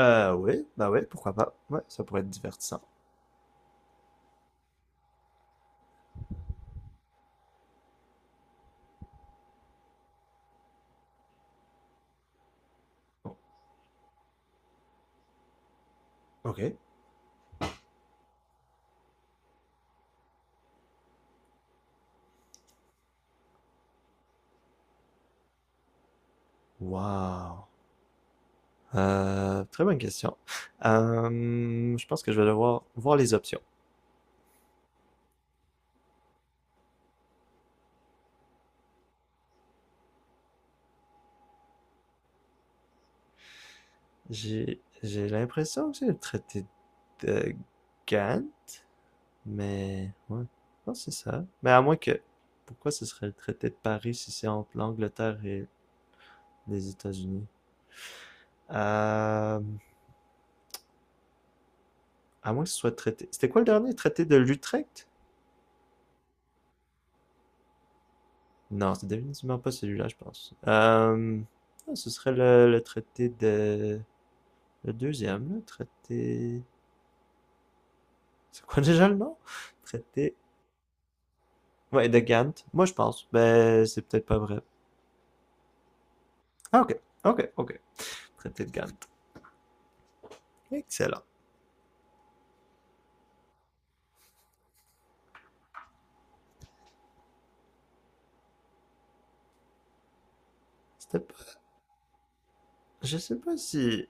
Oui, bah oui, pourquoi pas. Ouais, ça pourrait être divertissant. Oh, ok. Wow. Très bonne question. Je pense que je vais devoir voir les options. J'ai l'impression que c'est le traité de Gann, mais ouais, je pense que c'est ça. Mais à moins que, pourquoi ce serait le traité de Paris si c'est entre l'Angleterre et les États-Unis? Euh, à moins que ce soit le traité. C'était quoi le dernier? Traité de L'Utrecht? Non, c'est définitivement pas celui-là, je pense. Ah, ce serait le traité de... Le deuxième, le traité... C'est quoi déjà le nom? Traité... Ouais, de Gand. Moi, je pense. Ben, c'est peut-être pas vrai. Ah, ok. Ok, ok. Traité de Gand. Excellent. C'était pas... Je sais pas si...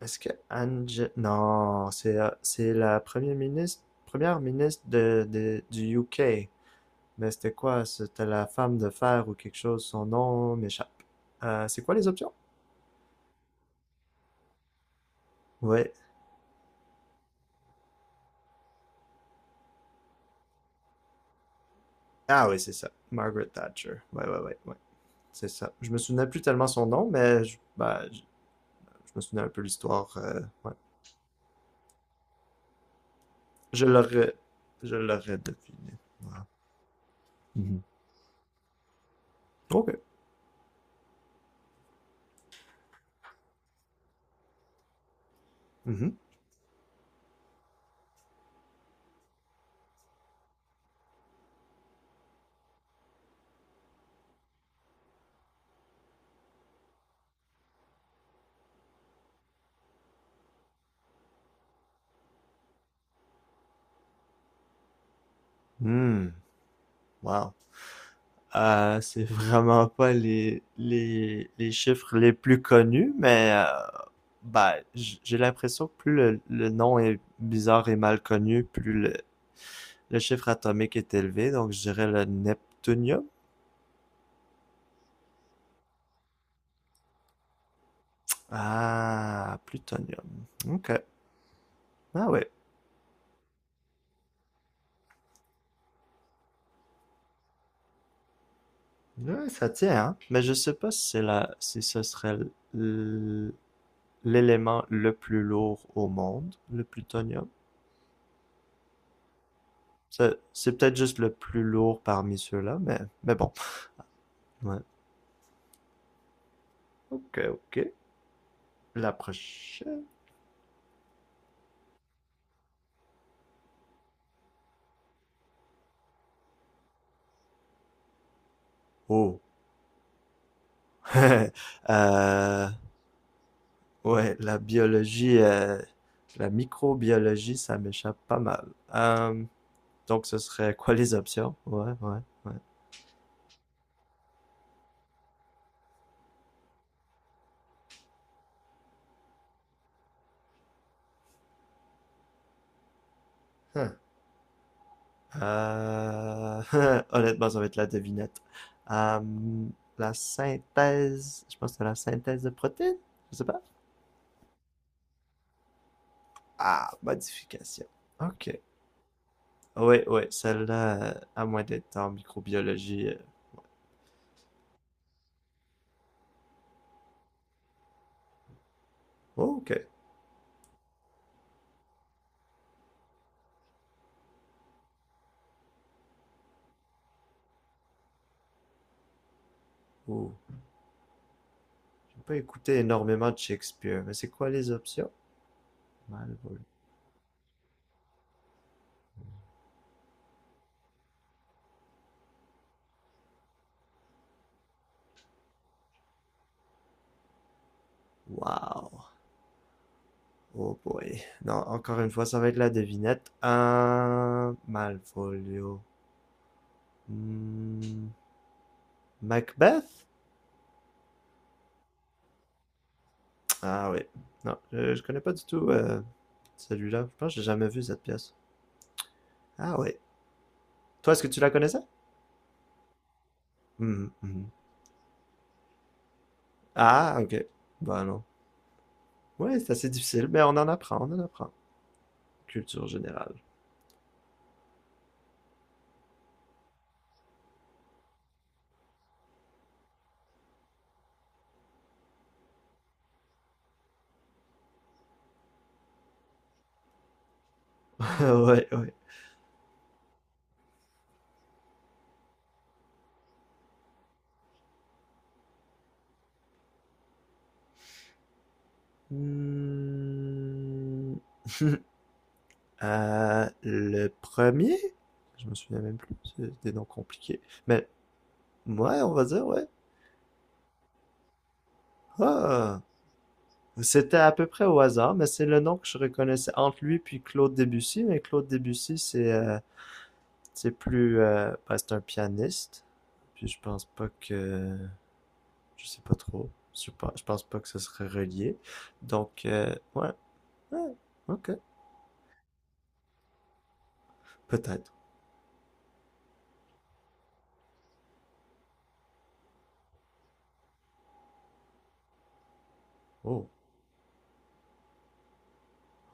Est-ce que Ange... Non, c'est la première ministre... Première ministre du UK. Mais c'était quoi? C'était la femme de fer ou quelque chose. Son nom m'échappe. C'est quoi les options? Ouais. Ah oui, c'est ça. Margaret Thatcher. Ouais, ouais, ouais, ouais. C'est ça. Je me souvenais plus tellement son nom, mais bah, je me souvenais un peu l'histoire. Ouais. Je l'aurais. Je l'aurais deviné. Wow. Mhm. OK. Mhm. Hmm. Wow. C'est vraiment pas les chiffres les plus connus, mais bah, j'ai l'impression que plus le nom est bizarre et mal connu, plus le chiffre atomique est élevé. Donc, je dirais le neptunium. Ah, plutonium. Ok. Ah ouais. Ouais, ça tient, hein. Mais je sais pas si c'est la, si ce serait l- l'élément le plus lourd au monde, le plutonium. C'est peut-être juste le plus lourd parmi ceux-là, mais bon. Ouais. Ok, ok. La prochaine. Oh. Euh, ouais, la biologie, la microbiologie, ça m'échappe pas mal. Euh, donc ce serait quoi les options? Ouais, ouais, ouais. Euh, Honnêtement, ça va être la devinette. Euh, la synthèse, je pense que c'est la synthèse de protéines, je sais pas. Ah, modification. Ok. Oui, oui, celle-là, à moins d'être en microbiologie. Oh, ok. Oh, j'ai pas écouté énormément de Shakespeare, mais c'est quoi les options? Malvolu. Wow. Oh boy. Non, encore une fois, ça va être la devinette. Malvolio. Hmm, Macbeth? Ah oui. Non, je connais pas du tout celui-là. Je pense que j'ai jamais vu cette pièce. Ah oui. Toi, est-ce que tu la connaissais? Mhm, mhm. Ah, ok. Bah non. Ouais, c'est assez difficile, mais on en apprend, on en apprend. Culture générale. Ouais, ouais. Hmm. Le premier? Je me souviens même plus. C'est des noms compliqués. Mais ouais, on va dire, ouais. Ah! C'était à peu près au hasard, mais c'est le nom que je reconnaissais entre lui puis Claude Debussy. Mais Claude Debussy, c'est plus... ben, c'est un pianiste. Puis je pense pas que... Je sais pas trop. Je pense pas que ce serait relié. Donc, ouais. Ouais. Ok. Peut-être. Oh.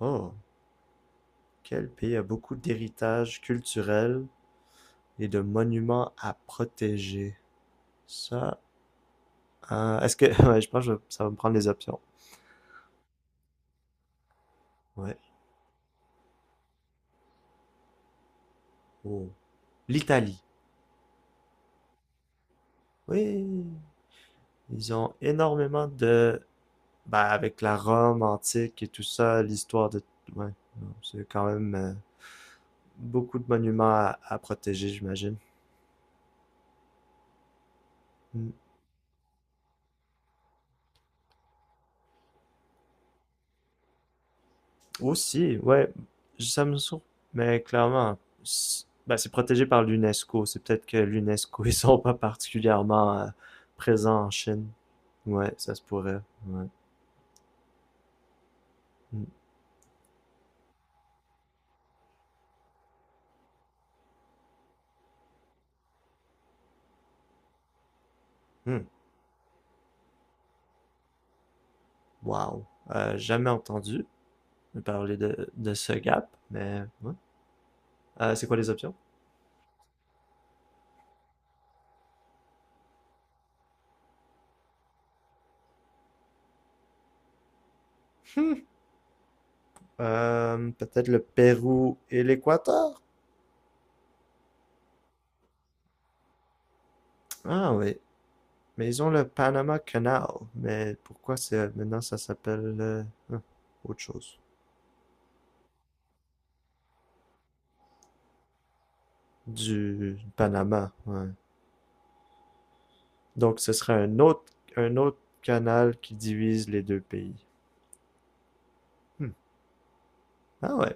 Oh. Quel pays a beaucoup d'héritage culturel et de monuments à protéger? Ça... est-ce que... Ouais, je pense que ça va me prendre les options. Ouais. Oh. L'Italie. Oui, ils ont énormément de... Ben, avec la Rome antique et tout ça, l'histoire de... Ouais, non, c'est quand même beaucoup de monuments à protéger, j'imagine. Mm. Aussi, ouais, ça me sur... Mais clairement, c'est ben, c'est protégé par l'UNESCO. C'est peut-être que l'UNESCO, ils sont pas particulièrement présents en Chine. Ouais, ça se pourrait. Ouais. Mm. Mm. Wow. Jamais entendu parler de ce gap, mais ouais. C'est quoi les options? Peut-être le Pérou et l'Équateur? Ah oui. Mais ils ont le Panama Canal. Mais pourquoi c'est maintenant ça s'appelle hein, autre chose? Du Panama, ouais. Donc ce serait un autre canal qui divise les deux pays. Hmm. Ah ouais,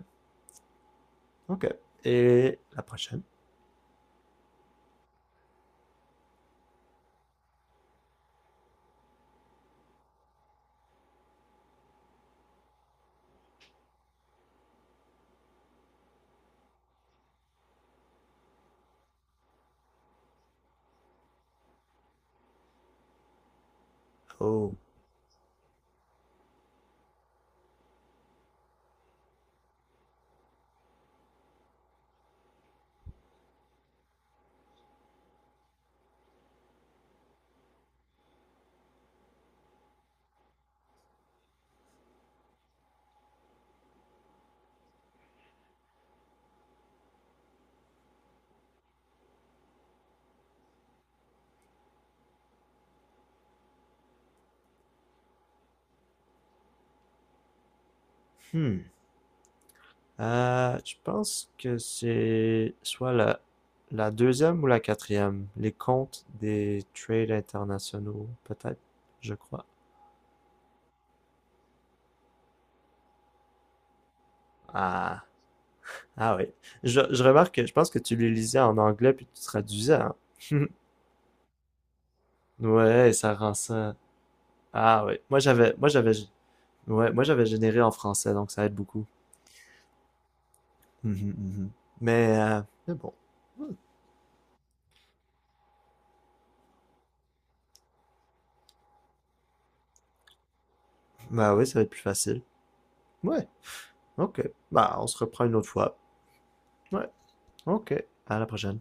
ok. Et la prochaine? Oh. Hmm. Je pense que c'est soit la deuxième ou la quatrième. Les comptes des trades internationaux, peut-être, je crois. Ah, ah oui. Je remarque que je pense que tu les lisais en anglais puis tu traduisais, hein. Ouais, ça rend ça. Ah oui. Ouais, moi j'avais généré en français, donc ça aide beaucoup. Mhm, mhm. Mais, euh, mais bon. Mmh. Bah oui, ça va être plus facile. Ouais, ok. Bah, on se reprend une autre fois. Ouais, ok. À la prochaine.